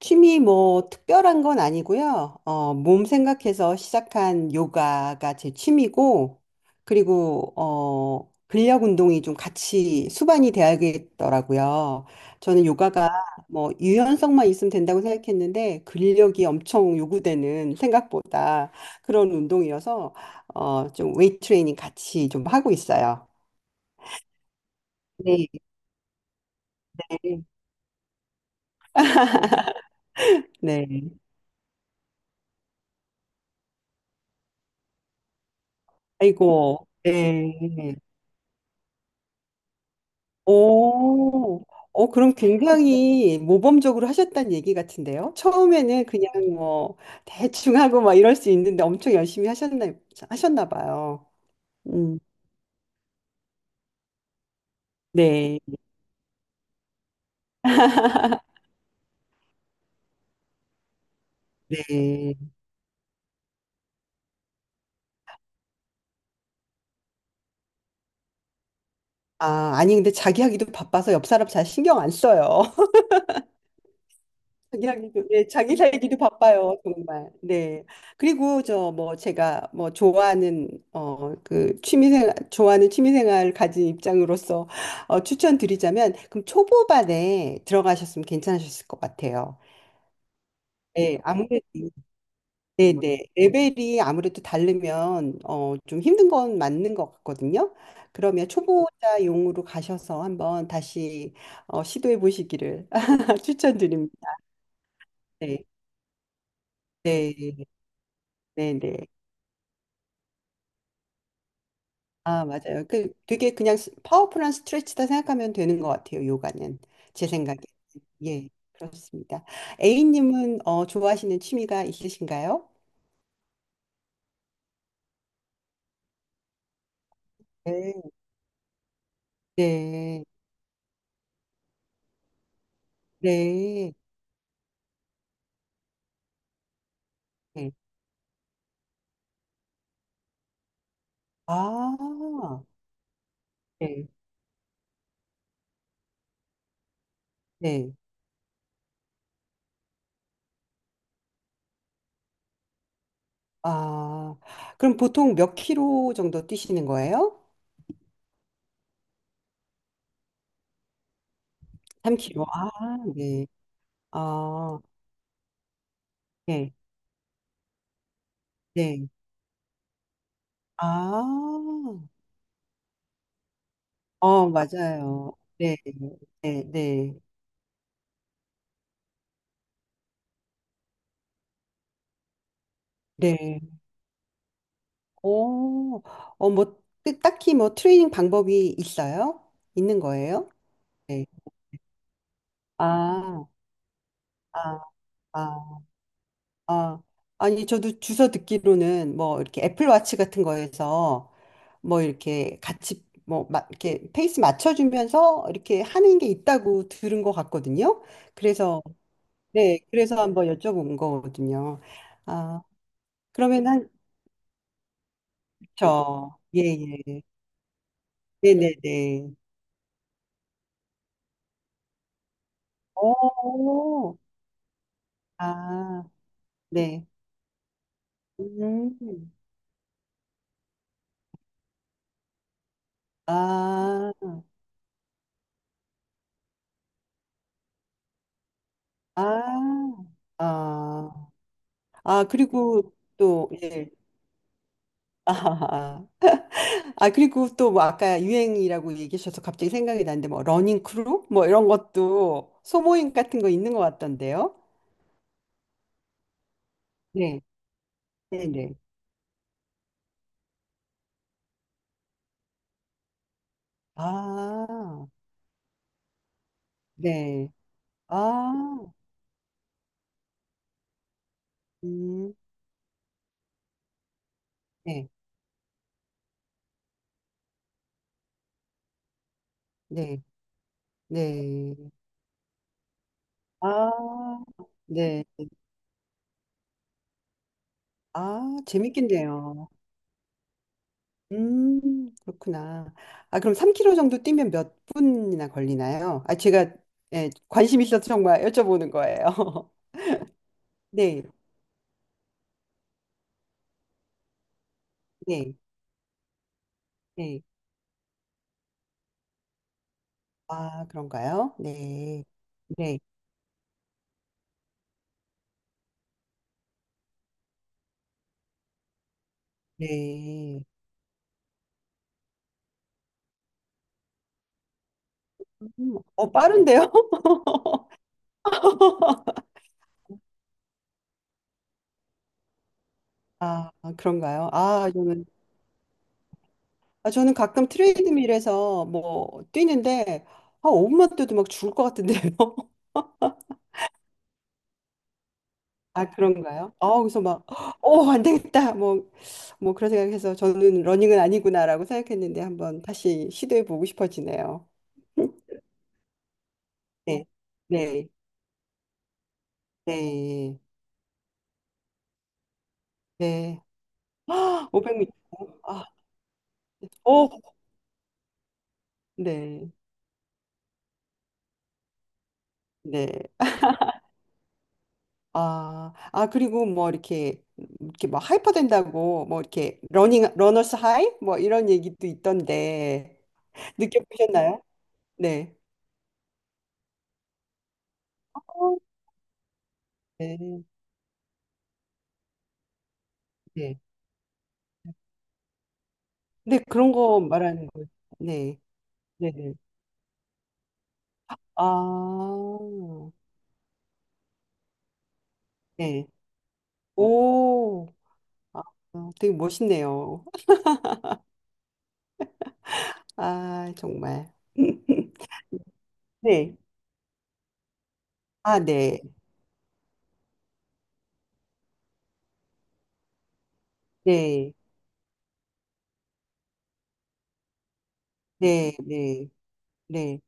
취미 뭐 특별한 건 아니고요. 몸 생각해서 시작한 요가가 제 취미고, 그리고 근력 운동이 좀 같이 수반이 돼야겠더라고요. 저는 요가가 뭐 유연성만 있으면 된다고 생각했는데 근력이 엄청 요구되는 생각보다 그런 운동이어서 좀 웨이트 트레이닝 같이 좀 하고 있어요. 네. 네. 아이고. 네. 오, 그럼 굉장히 모범적으로 하셨다는 얘기 같은데요? 처음에는 그냥 뭐 대충 하고 막 이럴 수 있는데 엄청 열심히 하셨나 봐요. 음, 네, 네. 아, 아니, 근데 자기 하기도 바빠서 옆 사람 잘 신경 안 써요. 자기 하기도, 네, 자기 살기도 바빠요, 정말. 네. 그리고 저 뭐 제가 뭐 좋아하는 그 취미생활 좋아하는 취미생활 가진 입장으로서 추천드리자면 그럼 초보반에 들어가셨으면 괜찮으셨을 것 같아요. 네, 아무래도 네네 레벨이 아무래도 다르면 좀 힘든 건 맞는 것 같거든요. 그러면 초보자용으로 가셔서 한번 다시 시도해 보시기를 추천드립니다. 네, 네, 네, 네. 아, 맞아요. 그 되게 그냥 파워풀한 스트레치다 생각하면 되는 것 같아요. 요가는 제 생각에. 예, 그렇습니다. A님은 좋아하시는 취미가 있으신가요? 네, 네, 네. 네. 아, 네, 네. 아, 그럼 보통 몇 킬로 정도 뛰시는 거예요? 3킬로. 아, 네. 아, 네, 네. 아, 맞아요. 네, 네, 네. 네. 오, 뭐, 딱히 뭐 트레이닝 방법이 있어요? 있는 거예요? 네. 아, 아, 아, 아. 아니, 저도 주워 듣기로는 뭐 이렇게 애플워치 같은 거에서 뭐 이렇게 같이 뭐 막 이렇게 페이스 맞춰주면서 이렇게 하는 게 있다고 들은 것 같거든요. 그래서, 네, 그래서 한번 여쭤본 거거든요. 아, 그러면 한, 저, 예, 예. 네네네. 오, 아, 네. 음. 아, 아, 아, 아, 그리고 또, 예. 아, 아, 아, 그리고 또 뭐 아까 유행이라고 얘기하셔서 갑자기 생각이 나는데 뭐 러닝 크루 뭐 이런 것도 소모임 같은 거 있는 것 같던데요. 네, 네, 네. 아, 네. 아, 음, 네, 네, 네. 아, 네. 아, 재밌겠네요. 그렇구나. 아, 그럼 3 k 로 정도 뛰면 몇 분이나 걸리나요? 아, 제가 예, 관심 있어서 정말 여쭤보는 거예요. 네, 네, 네. 아, 그런가요? 네, 네, 네. 빠른데요? 아, 그런가요? 아, 저는 가끔 트레이드밀에서 뭐 뛰는데, 아, 5분만 뛰어도 막 죽을 것 같은데요. 아, 그런가요? 아, 그래서 막, 안 되겠다. 뭐 그런 생각해서 저는 러닝은 아니구나라고 생각했는데 한번 다시 시도해 보고 싶어지네요. 음, 네, 네, 네, 네. 아, 500m. 아, 오, 네, 네. 아, 아, 그리고 뭐 이렇게 막 하이퍼 된다고 뭐 이렇게 러너스 하이? 뭐 이런 얘기도 있던데 느껴보셨나요? 네. 어, 네, 네. 네, 그런 거 말하는 거. 네. 네네. 아, 네. 오, 아, 아, 되게 멋있네요. 아, 정말. 네. 아, 네. 네. 네. 네. 네.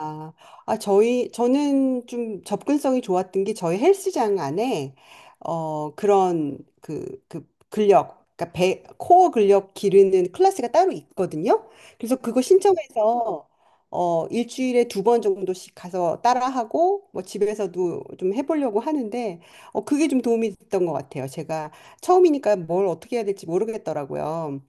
아, 아, 저는 좀 접근성이 좋았던 게 저희 헬스장 안에, 그 근력, 그러니까 배, 코어 근력 기르는 클래스가 따로 있거든요. 그래서 그거 신청해서, 일주일에 두 번 정도씩 가서 따라하고, 뭐 집에서도 좀 해보려고 하는데, 그게 좀 도움이 됐던 것 같아요. 제가 처음이니까 뭘 어떻게 해야 될지 모르겠더라고요.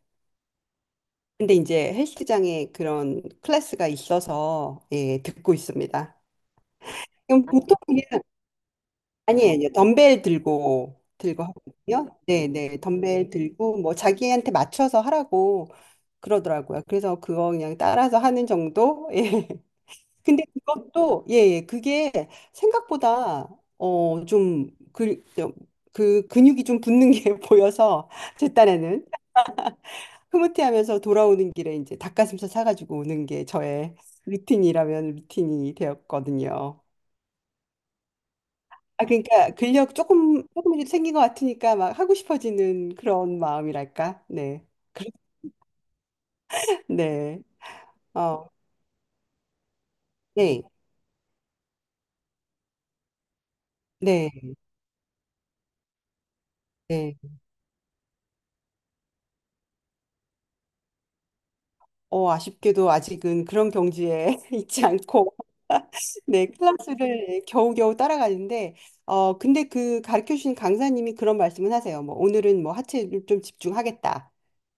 근데 이제 헬스장에 그런 클래스가 있어서, 예, 듣고 있습니다. 그럼 보통 이게 아니에요. 덤벨 들고 하거든요. 네, 네. 덤벨 들고 뭐 자기한테 맞춰서 하라고 그러더라고요. 그래서 그거 그냥 따라서 하는 정도. 예. 근데 그것도 예, 예. 그게 생각보다 좀그그 근육이 좀 붙는 게 보여서 제 딴에는 흐뭇해하면서 돌아오는 길에 이제 닭가슴살 사가지고 오는 게 저의 루틴이라면 루틴이 되었거든요. 아, 그러니까 근력 조금씩 생긴 것 같으니까 막 하고 싶어지는 그런 마음이랄까? 네. 그렇 네. 어. 네. 네. 네. 아쉽게도 아직은 그런 경지에 있지 않고, 네, 클래스를 겨우겨우 따라가는데, 근데 그 가르쳐 주신 강사님이 그런 말씀을 하세요. 뭐, 오늘은 뭐 하체를 좀 집중하겠다.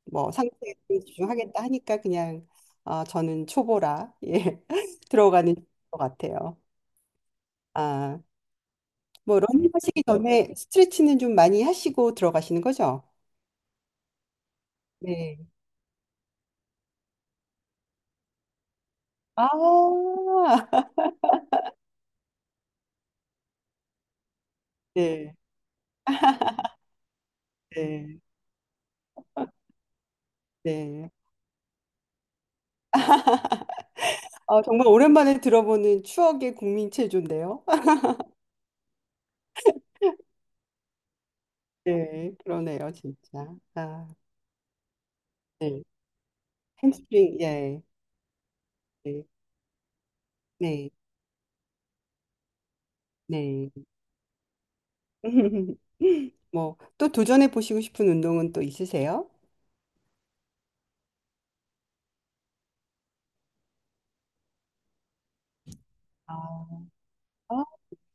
뭐 상체에 좀 집중하겠다 하니까 그냥, 저는 초보라, 예, 들어가는 것 같아요. 아. 뭐 러닝 하시기 전에 스트레치는 좀 많이 하시고 들어가시는 거죠? 네. 아, 네, 네, 네. 아, 정말 오랜만에 들어보는 추억의 국민 체조인데요. 네, 그러네요, 진짜. 아, 네. 햄스트링, 예, 네, 네, 네. 뭐, 또 도전해 보시고 싶은 운동은 또 있으세요? 아, 아,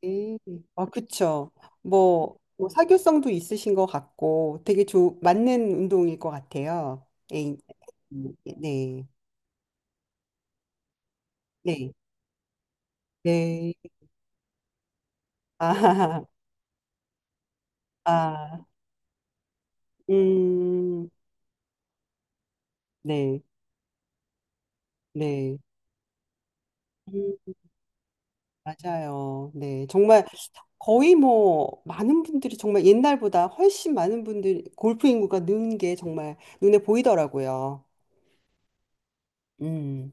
음, 아, 그쵸. 뭐 사교성도 있으신 것 같고 되게 좋 맞는 운동일 것 같아요. 네, 네, 네, 네. 아, 아, 음, 네, 네. 음, 맞아요. 네, 정말 거의 뭐 많은 분들이 정말 옛날보다 훨씬 많은 분들이 골프 인구가 는 게 정말 눈에 보이더라고요. 음.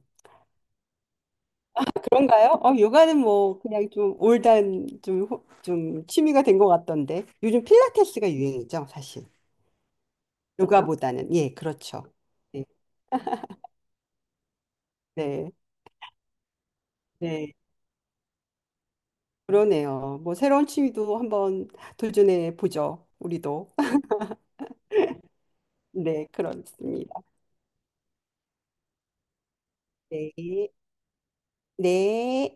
그런가요? 요가는 뭐 그냥 좀 올드한 좀, 좀 취미가 된 것 같던데 요즘 필라테스가 유행이죠, 사실. 요가보다는, 예, 그렇죠. 네, 네, 네. 그러네요. 뭐 새로운 취미도 한번 도전해 보죠, 우리도. 네, 그렇습니다. 네. 네.